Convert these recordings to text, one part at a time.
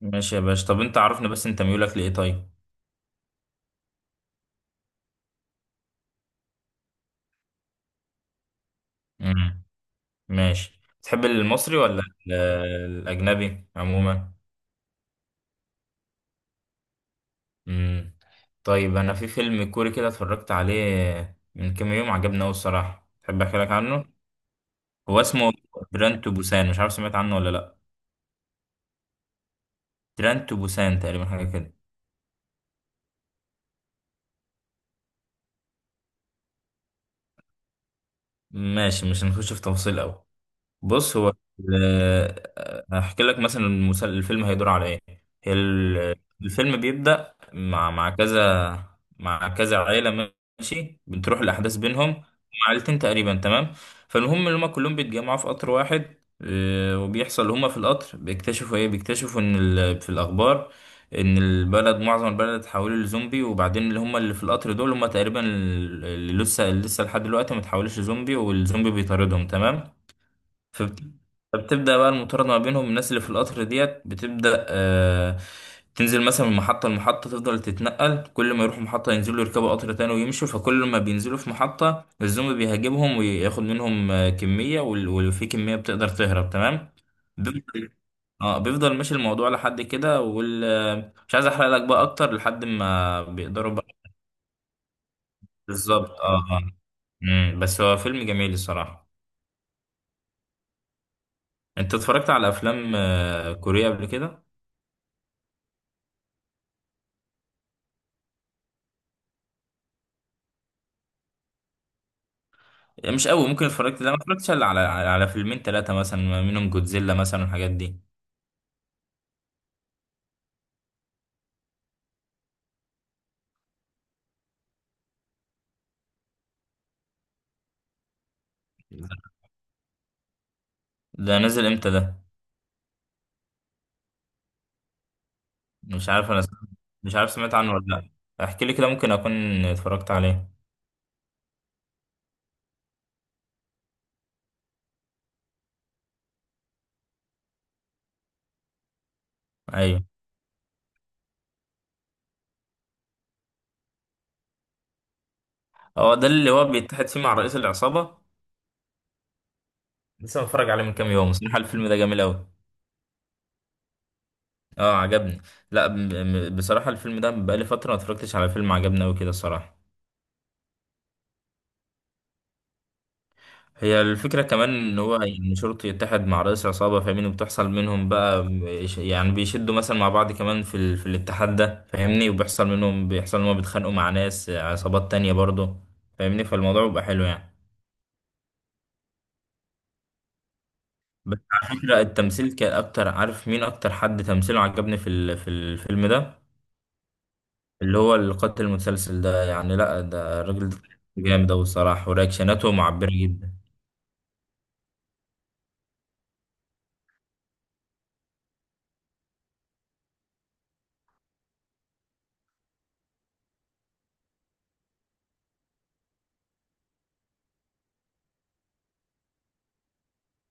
ماشي يا باشا، طب انت عرفني بس، انت ميولك لايه؟ طيب. امم ماشي، تحب المصري ولا الاجنبي عموما؟ امم طيب، انا في فيلم كوري كده اتفرجت عليه من كام يوم، عجبني قوي الصراحه. تحب احكي لك عنه؟ هو اسمه تران تو بوسان، مش عارف سمعت عنه ولا لا؟ تران تو بوسان تقريبا، حاجه كده. ماشي، مش هنخش في تفاصيل قوي. بص هو، ال- هحكي لك مثلا الفيلم هيدور على ايه. هي الفيلم بيبدأ مع كذا، مع كذا عائلة. ماشي بتروح الأحداث بينهم هم، عائلتين تقريبا. تمام. فالمهم إن هما كلهم بيتجمعوا في قطر واحد. وبيحصل هما في القطر بيكتشفوا ايه، بيكتشفوا ان في الأخبار ان البلد، معظم البلد اتحولوا لزومبي، وبعدين اللي هم اللي في القطر دول هم تقريبا اللي لسه لسه لحد دلوقتي ما اتحولوش لزومبي، والزومبي بيطاردهم. تمام. فبت- فبتبدأ بقى المطاردة ما بينهم، الناس اللي في القطر ديت بتبدأ تنزل مثلا من محطة لمحطة، تفضل تتنقل، كل ما يروحوا محطة ينزلوا يركبوا قطر تاني ويمشوا، فكل ما بينزلوا في محطة الزومبي بيهاجمهم وياخد منهم كمية، ولو في كمية بتقدر تهرب. تمام. بيفضل اه بيفضل ماشي الموضوع لحد كده وال آه، مش عايز احرق لك بقى اكتر، لحد ما بيقدروا بقى. بالظبط. اه اه. بس هو فيلم جميل الصراحة. انت اتفرجت على افلام كورية قبل كده؟ يعني مش قوي، ممكن اتفرجت. لا، ما اتفرجتش الا على فيلمين ثلاثة مثلا، منهم جودزيلا مثلا والحاجات دي. ده نزل امتى ده؟ مش عارف، انا سمعت. مش عارف سمعت عنه ولا لا. احكي لي كده، ممكن اكون اتفرجت عليه. ايوه، هو ده اللي هو بيتحد فيه مع رئيس العصابة. لسه متفرج عليه من كام يوم بصراحة، الفيلم ده جميل قوي. اه، عجبني. لا، بصراحة الفيلم ده بقالي فترة ما اتفرجتش على فيلم عجبني قوي كده الصراحة. هي الفكرة كمان إن إن شرطي يتحد مع رئيس عصابة، فاهمني؟ وبتحصل منهم بقى يعني بيشدوا مثلا مع بعض كمان في الاتحاد ده، فاهمني؟ وبيحصل منهم إن هم بيتخانقوا مع ناس عصابات تانية برضه، فاهمني؟ فالموضوع بيبقى حلو يعني. بس على فكرة التمثيل كان أكتر، عارف مين أكتر حد تمثيله عجبني في الفيلم ده؟ اللي هو القاتل المتسلسل ده، يعني لأ ده الراجل ده جامد أوي الصراحة، ورياكشناته معبرة جدا.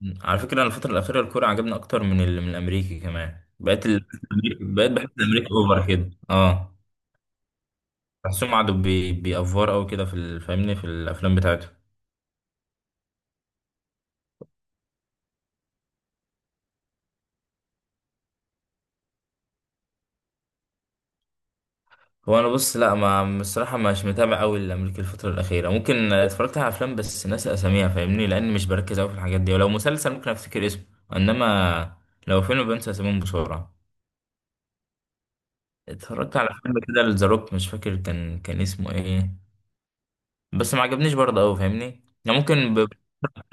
مم. على فكرة أنا الفترة الأخيرة الكورة عجبني أكتر من الأمريكي كمان. بقيت بحس الأمريكي أوفر كده. بحسهم قعدوا بيأفور أوي كده فاهمني، في الأفلام بتاعتهم. هو أنا بص، لا، ما الصراحة مش متابع أوي الأمريكي الفترة الأخيرة. ممكن اتفرجت على أفلام بس ناسي أساميها، فاهمني؟ لأن مش بركز أوي في الحاجات دي. ولو مسلسل ممكن أفتكر اسمه، إنما لو فيلم بنسى أساميهم بسرعة. اتفرجت على فيلم كده لذا روك، مش فاكر كان اسمه إيه، بس ما عجبنيش برضه أوي فاهمني. يعني ممكن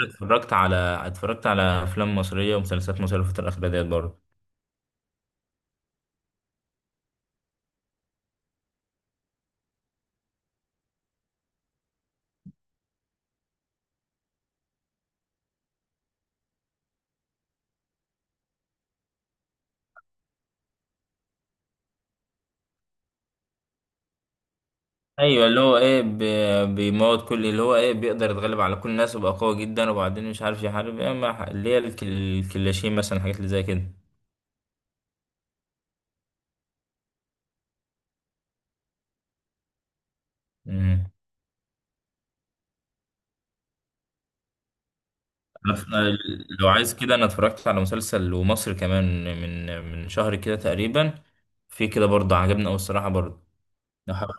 اتفرجت على اتفرجت على افلام مصريه ومسلسلات مصريه في الفتره الاخيره ديت برضه. ايوه، اللي هو ايه بيموت كل، اللي هو ايه بيقدر يتغلب على كل الناس ويبقى قوي جدا وبعدين مش عارف يحارب ايه، اللي هي الكلاشين مثلا، حاجات اللي زي كده. مم. أف- لو عايز كده انا اتفرجت على مسلسل ومصري كمان من شهر كده تقريبا، في كده برضه عجبني قوي الصراحه برضه. لو حابب-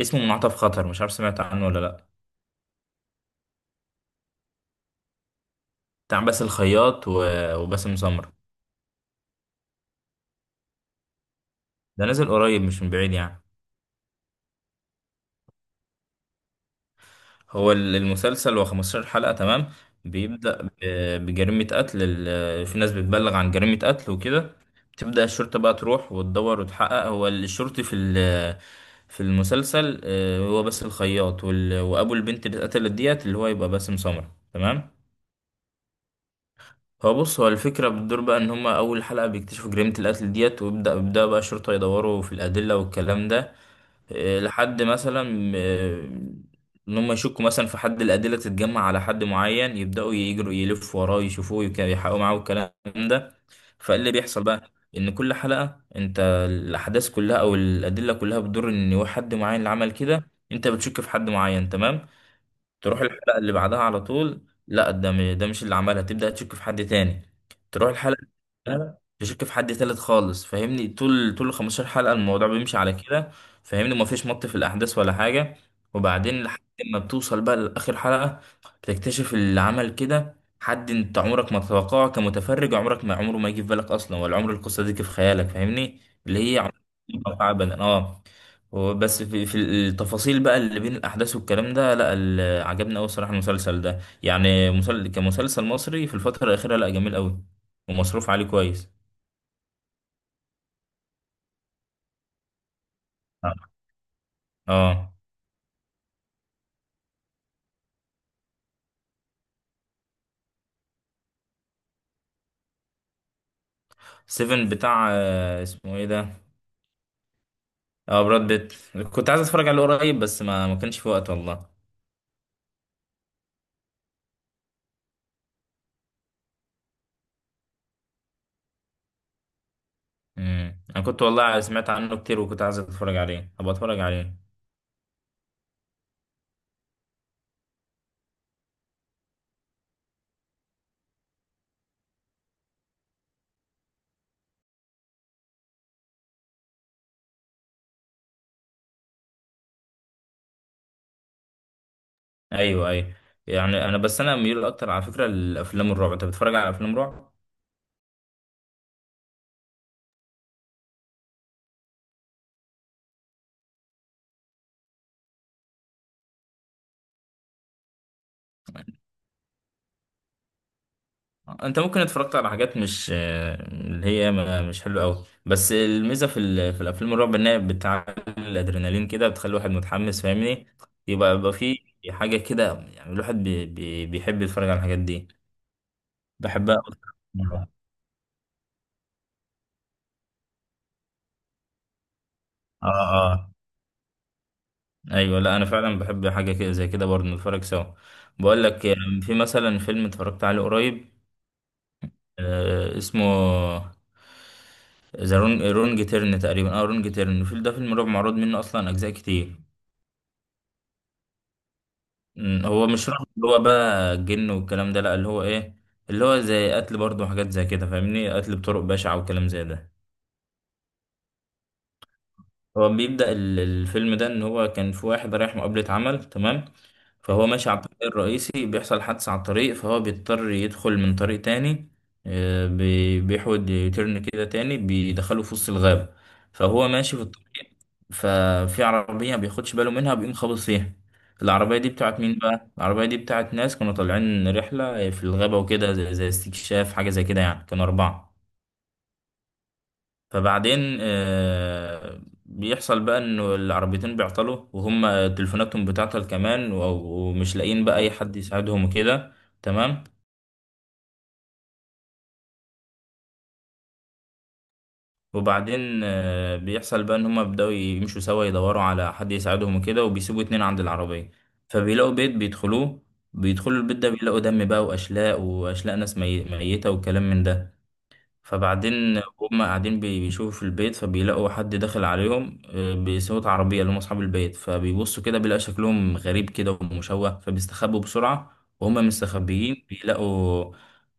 اسمه منعطف خطر، مش عارف سمعت عنه ولا لا. بتاع باسل الخياط وباسم سمرة. ده نازل قريب، مش من بعيد يعني. هو المسلسل هو 15 حلقة. تمام. بيبدأ بجريمة قتل. في ناس بتبلغ عن جريمة قتل وكده. بتبدأ الشرطة بقى تروح وتدور وتحقق. هو الشرطي في المسلسل هو بس الخياط، وأبو البنت اللي اتقتلت ديت اللي هو يبقى باسم سمرة. تمام. هو بص، هو الفكرة بتدور بقى إن هما أول حلقة بيكتشفوا جريمة القتل ديت، ويبدأ بقى الشرطة يدوروا في الأدلة والكلام ده. لحد مثلا ان هم يشكوا مثلا في حد، الادله تتجمع على حد معين، يبداوا يجروا يلفوا وراه يشوفوه يحققوا معاه الكلام ده. فاللي بيحصل بقى ان كل حلقه انت، الاحداث كلها او الادله كلها بتدور ان هو حد معين اللي عمل كده، انت بتشك في حد معين. تمام. تروح الحلقة اللي بعدها على طول، لا ده ده مش اللي عملها، تبدأ تشك في حد تاني. تروح الحلقة اللي بعدها تشك في حد تالت خالص، فاهمني؟ طول طول 15 حلقة الموضوع بيمشي على كده، فاهمني؟ ومفيش مط في الأحداث ولا حاجة. وبعدين لحد ما بتوصل بقى لآخر حلقة، بتكتشف اللي عمل كده حد انت عمرك ما تتوقعه كمتفرج، عمرك ما عمره ما يجي في بالك اصلا، ولا عمر القصة دي جه في خيالك، فاهمني؟ اللي هي عمرك ما تتوقعها ابدا. اه. بس في التفاصيل بقى اللي بين الاحداث والكلام ده، لا عجبني قوي الصراحه المسلسل ده. يعني كمسلسل مصري في الفتره الاخيره، لا جميل قوي. ومصروف عليه كويس. اه. آه. سيفن بتاع اسمه ايه ده؟ اه، براد بيت. كنت عايز اتفرج عليه قريب بس ما كانش في وقت والله. انا كنت والله سمعت عنه كتير وكنت عايز اتفرج عليه، هبقى اتفرج عليه. ايوه، ايوه. يعني انا بس انا ميول اكتر على فكره لافلام الرعب. انت بتتفرج على افلام رعب؟ انت ممكن اتفرجت على حاجات مش اللي هي مش حلوه قوي، بس الميزه في الافلام الرعب انها بتعلي الادرينالين كده، بتخلي الواحد متحمس فاهمني. يبقى في حاجه كده، يعني الواحد بي بي بيحب يتفرج على الحاجات دي. بحبها أكتر. اه، اه، ايوه. لا انا فعلا بحب حاجه كده زي كده برضه، نتفرج سوا. بقول لك، في مثلا فيلم اتفرجت عليه قريب اسمه ذا رونج تيرن تقريبا، اه رونج تيرن. الفيلم ده فيلم رعب معروض منه اصلا اجزاء كتير. هو مش رعب اللي هو بقى جن والكلام ده، لا، اللي هو ايه؟ اللي هو زي قتل برضه وحاجات زي كده فاهمني، قتل بطرق بشعة وكلام زي ده. هو بيبدأ الفيلم ده إن هو كان في واحد رايح مقابلة عمل. تمام. فهو ماشي على الطريق الرئيسي، بيحصل حادثة على الطريق فهو بيضطر يدخل من طريق تاني. بيحود يترن كده تاني، بيدخله في وسط الغابة. فهو ماشي في الطريق، ففي عربية بياخدش باله منها، بيقوم خابط فيها. العربية دي بتاعت مين بقى؟ العربية دي بتاعت ناس كانوا طالعين رحلة في الغابة وكده زي استكشاف حاجة زي كده يعني، كانوا أربعة. فبعدين بيحصل بقى انه العربيتين بيعطلوا، وهم تليفوناتهم بتعطل كمان، ومش لاقيين بقى اي حد يساعدهم وكده. تمام. وبعدين بيحصل بقى ان هم بيبداوا يمشوا سوا يدوروا على حد يساعدهم وكده، وبيسيبوا اتنين عند العربية. فبيلاقوا بيت بيدخلوه، بيدخلوا البيت ده بيلاقوا دم بقى واشلاء، واشلاء ناس ميتة وكلام من ده. فبعدين هم قاعدين بيشوفوا في البيت، فبيلاقوا حد داخل عليهم بصوت عربية اللي هم أصحاب البيت، فبيبصوا كده بيلاقي شكلهم غريب كده ومشوه، فبيستخبوا بسرعة. وهم مستخبيين بيلاقوا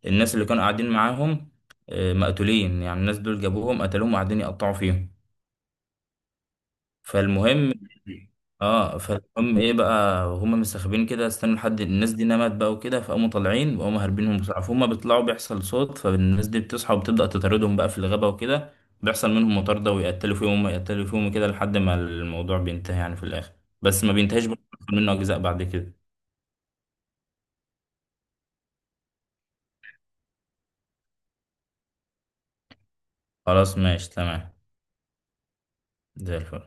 الناس اللي كانوا قاعدين معاهم مقتولين، يعني الناس دول جابوهم قتلوهم وقاعدين يقطعوا فيهم. فالمهم اه فالمهم ايه بقى، هما مستخبيين كده استنوا لحد الناس دي نمت بقى وكده، فقاموا طالعين وقاموا هاربينهم بسرعه، فهم بيطلعوا بيحصل صوت، فالناس دي بتصحى وبتبدا تطاردهم بقى في الغابه وكده. بيحصل منهم مطارده ويقتلوا فيهم يقتلوا فيهم كده لحد ما الموضوع بينتهي يعني في الاخر. بس ما بينتهيش برضه، بيحصل منه اجزاء بعد كده. خلاص ماشي تمام. زي الفل.